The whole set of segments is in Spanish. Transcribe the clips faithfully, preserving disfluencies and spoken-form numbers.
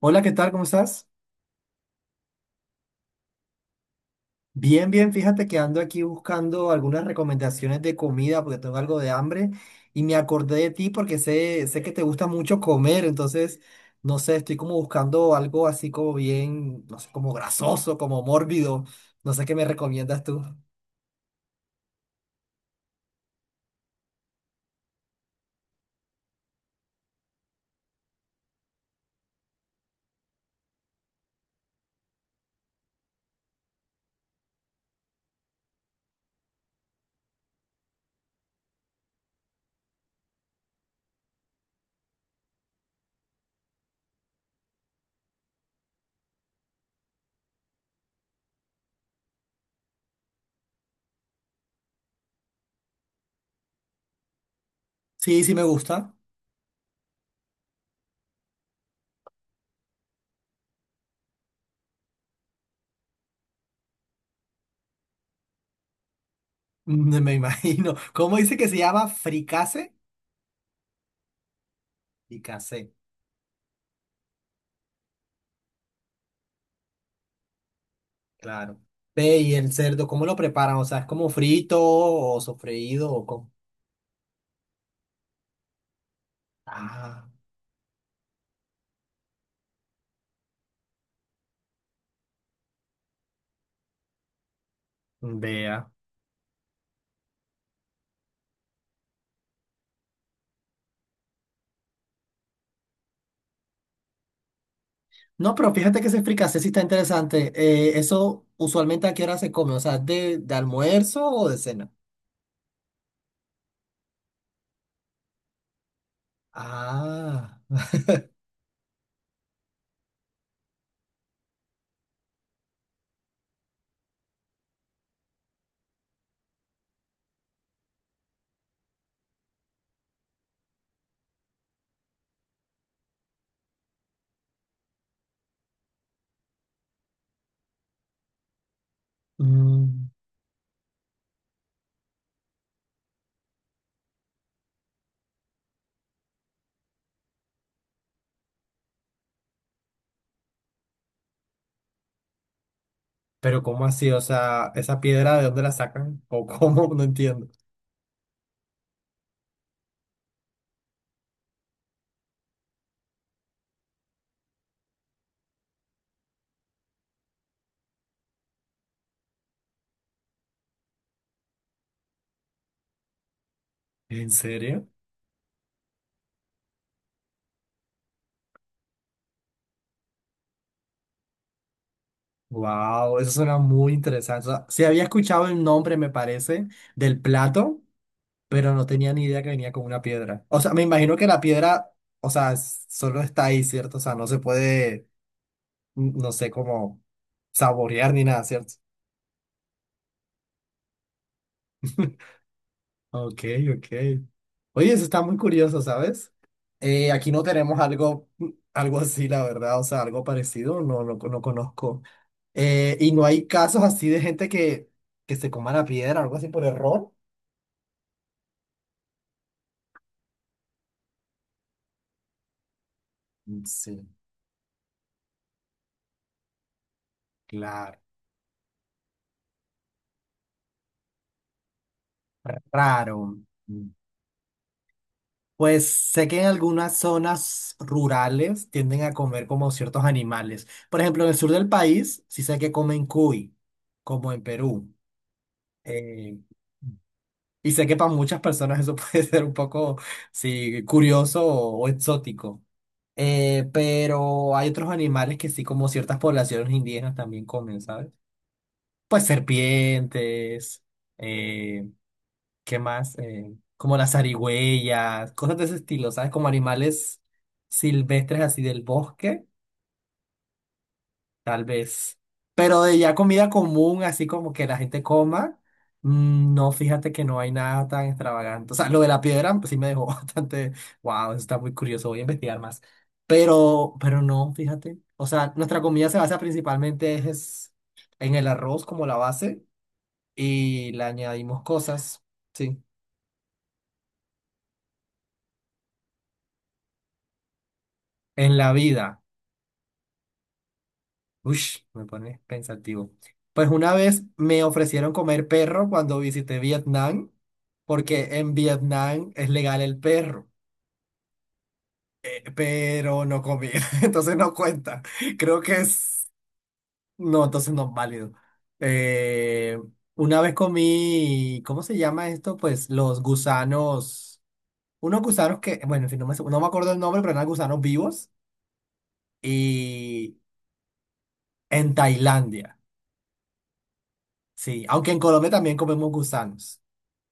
Hola, ¿qué tal? ¿Cómo estás? Bien, bien, fíjate que ando aquí buscando algunas recomendaciones de comida porque tengo algo de hambre y me acordé de ti porque sé, sé que te gusta mucho comer, entonces, no sé, estoy como buscando algo así como bien, no sé, como grasoso, como mórbido, no sé qué me recomiendas tú. Sí, sí me gusta. Mm, me imagino. ¿Cómo dice que se llama? ¿Fricase? Fricase, claro. Ve, y el cerdo, ¿cómo lo preparan? O sea, ¿es como frito o sofreído o cómo? Ah. Vea. No, pero fíjate que ese fricasé sí está interesante. Eh, eso usualmente a qué hora se come, o sea, de, de almuerzo o de cena. Ah, mm, pero ¿cómo así? O sea, ¿esa piedra de dónde la sacan? ¿O cómo? No entiendo. ¿En serio? Wow, eso suena muy interesante. O sea, sí había escuchado el nombre, me parece, del plato, pero no tenía ni idea que venía con una piedra. O sea, me imagino que la piedra, o sea, s- solo está ahí, ¿cierto? O sea, no se puede, n- no sé cómo saborear ni nada, ¿cierto? Ok, ok. Oye, eso está muy curioso, ¿sabes? Eh, aquí no tenemos algo, algo así, la verdad, o sea, algo parecido, no, no, no conozco. Eh, y no hay casos así de gente que, que se coma la piedra, algo así por error. Mm, sí, claro. Raro. Mm. Pues sé que en algunas zonas rurales tienden a comer como ciertos animales. Por ejemplo, en el sur del país sí sé que comen cuy, como en Perú. Eh, Y sé que para muchas personas eso puede ser un poco, sí, curioso o, o exótico. Eh, pero hay otros animales que sí, como ciertas poblaciones indígenas también comen, ¿sabes? Pues serpientes, eh, ¿qué más? Eh, como las zarigüeyas, cosas de ese estilo, ¿sabes? Como animales silvestres así del bosque. Tal vez. Pero de ya comida común, así como que la gente coma, mm, no, fíjate que no hay nada tan extravagante. O sea, lo de la piedra pues, sí me dejó bastante, wow, eso está muy curioso, voy a investigar más. Pero, pero no, fíjate. O sea, nuestra comida se basa principalmente es en el arroz como la base y le añadimos cosas, sí, en la vida. Ush, me pones pensativo. Pues una vez me ofrecieron comer perro cuando visité Vietnam, porque en Vietnam es legal el perro, eh, pero no comí, entonces no cuenta. Creo que es... No, entonces no es válido. Eh, una vez comí, ¿cómo se llama esto? Pues los gusanos, unos gusanos que, bueno, en fin, no me, no me acuerdo el nombre, pero eran gusanos vivos y en Tailandia, sí, aunque en Colombia también comemos gusanos.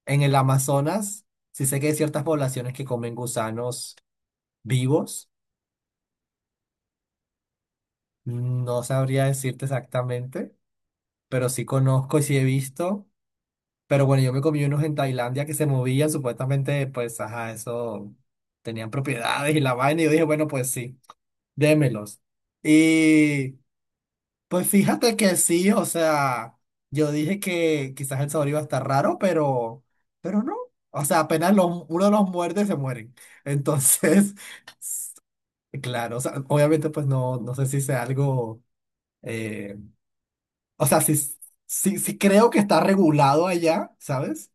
En el Amazonas, sí sé que hay ciertas poblaciones que comen gusanos vivos. No sabría decirte exactamente, pero sí conozco y sí he visto. Pero bueno, yo me comí unos en Tailandia que se movían, supuestamente, pues, ajá, eso tenían propiedades y la vaina. Y yo dije, bueno, pues sí, démelos. Y pues fíjate que sí, o sea, yo dije que quizás el sabor iba a estar raro, pero, pero no. O sea, apenas los- uno los muerde, se mueren. Entonces. Claro, o sea, obviamente pues no, no sé si sea algo, eh, o sea, sí, sí, sí creo que está regulado allá, ¿sabes?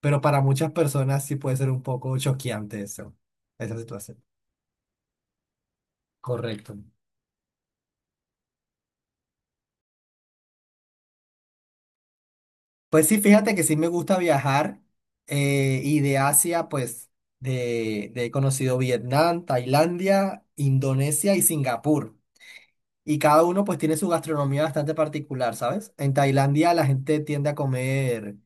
Pero para muchas personas sí puede ser un poco choqueante eso, esa situación. Correcto. Pues sí, fíjate que sí me gusta viajar, eh, y de Asia pues de, de- he conocido Vietnam, Tailandia, Indonesia y Singapur. Y cada uno pues tiene su gastronomía bastante particular, ¿sabes? En Tailandia la gente tiende a comer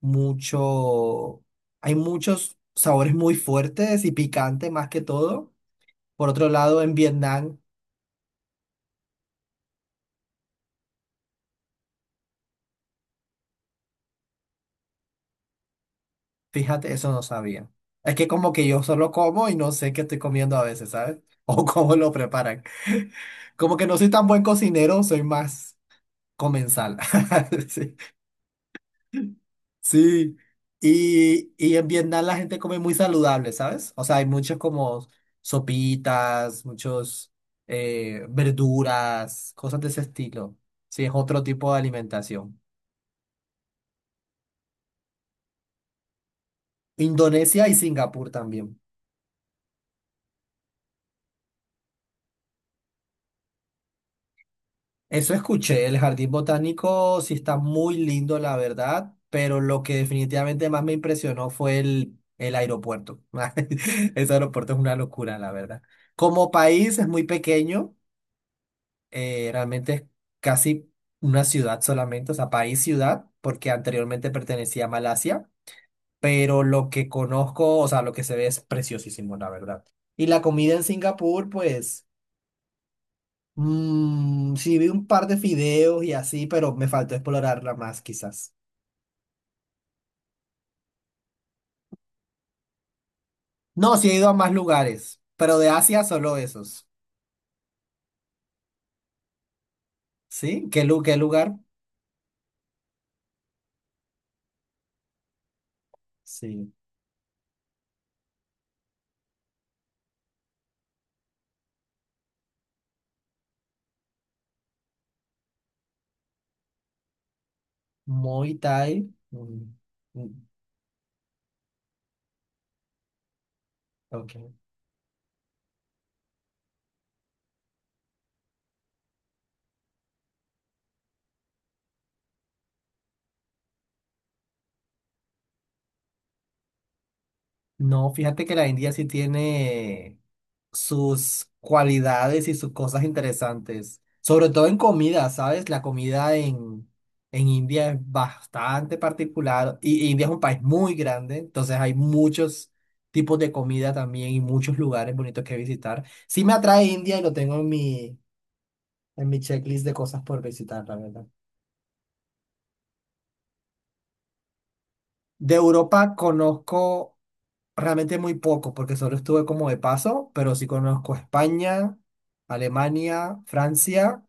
mucho, hay muchos sabores muy fuertes y picantes más que todo. Por otro lado, en Vietnam, fíjate, eso no sabía. Es que como que yo solo como y no sé qué estoy comiendo a veces, ¿sabes? O cómo lo preparan. Como que no soy tan buen cocinero, soy más comensal. Sí. Sí, y, y en Vietnam la gente come muy saludable, ¿sabes? O sea, hay muchos como sopitas, muchos eh, verduras, cosas de ese estilo. Sí, es otro tipo de alimentación. Indonesia y Singapur también. Eso escuché, el jardín botánico sí está muy lindo, la verdad, pero lo que definitivamente más me impresionó fue el, el aeropuerto. Ese aeropuerto es una locura, la verdad. Como país es muy pequeño. Eh, realmente es casi una ciudad solamente, o sea, país ciudad, porque anteriormente pertenecía a Malasia, pero lo que conozco, o sea, lo que se ve es preciosísimo, la verdad. Y la comida en Singapur, pues, mm, sí vi un par de fideos y así, pero me faltó explorarla más quizás. No, sí he ido a más lugares, pero de Asia solo esos. ¿Sí? ¿Qué, lu- Qué lugar? Sí. Muay Thai. Mm, mm, ok. No, fíjate que la India sí tiene sus cualidades y sus cosas interesantes, sobre todo en comida, ¿sabes? La comida en, en India es bastante particular y y India es un país muy grande, entonces hay muchos tipos de comida también y muchos lugares bonitos que visitar. Sí me atrae India y lo tengo en mi, en mi checklist de cosas por visitar, la verdad. De Europa conozco realmente muy poco, porque solo estuve como de paso, pero sí conozco España, Alemania, Francia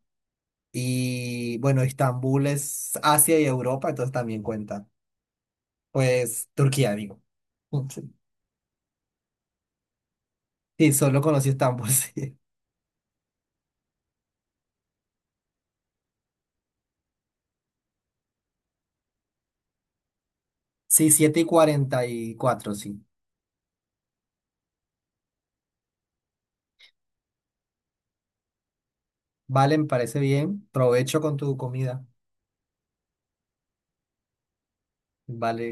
y bueno, Estambul es Asia y Europa, entonces también cuenta. Pues Turquía, digo. Sí, sí, solo conocí Estambul, sí. Sí, siete y cuarenta y cuatro sí. Vale, me parece bien. Provecho con tu comida. Vale.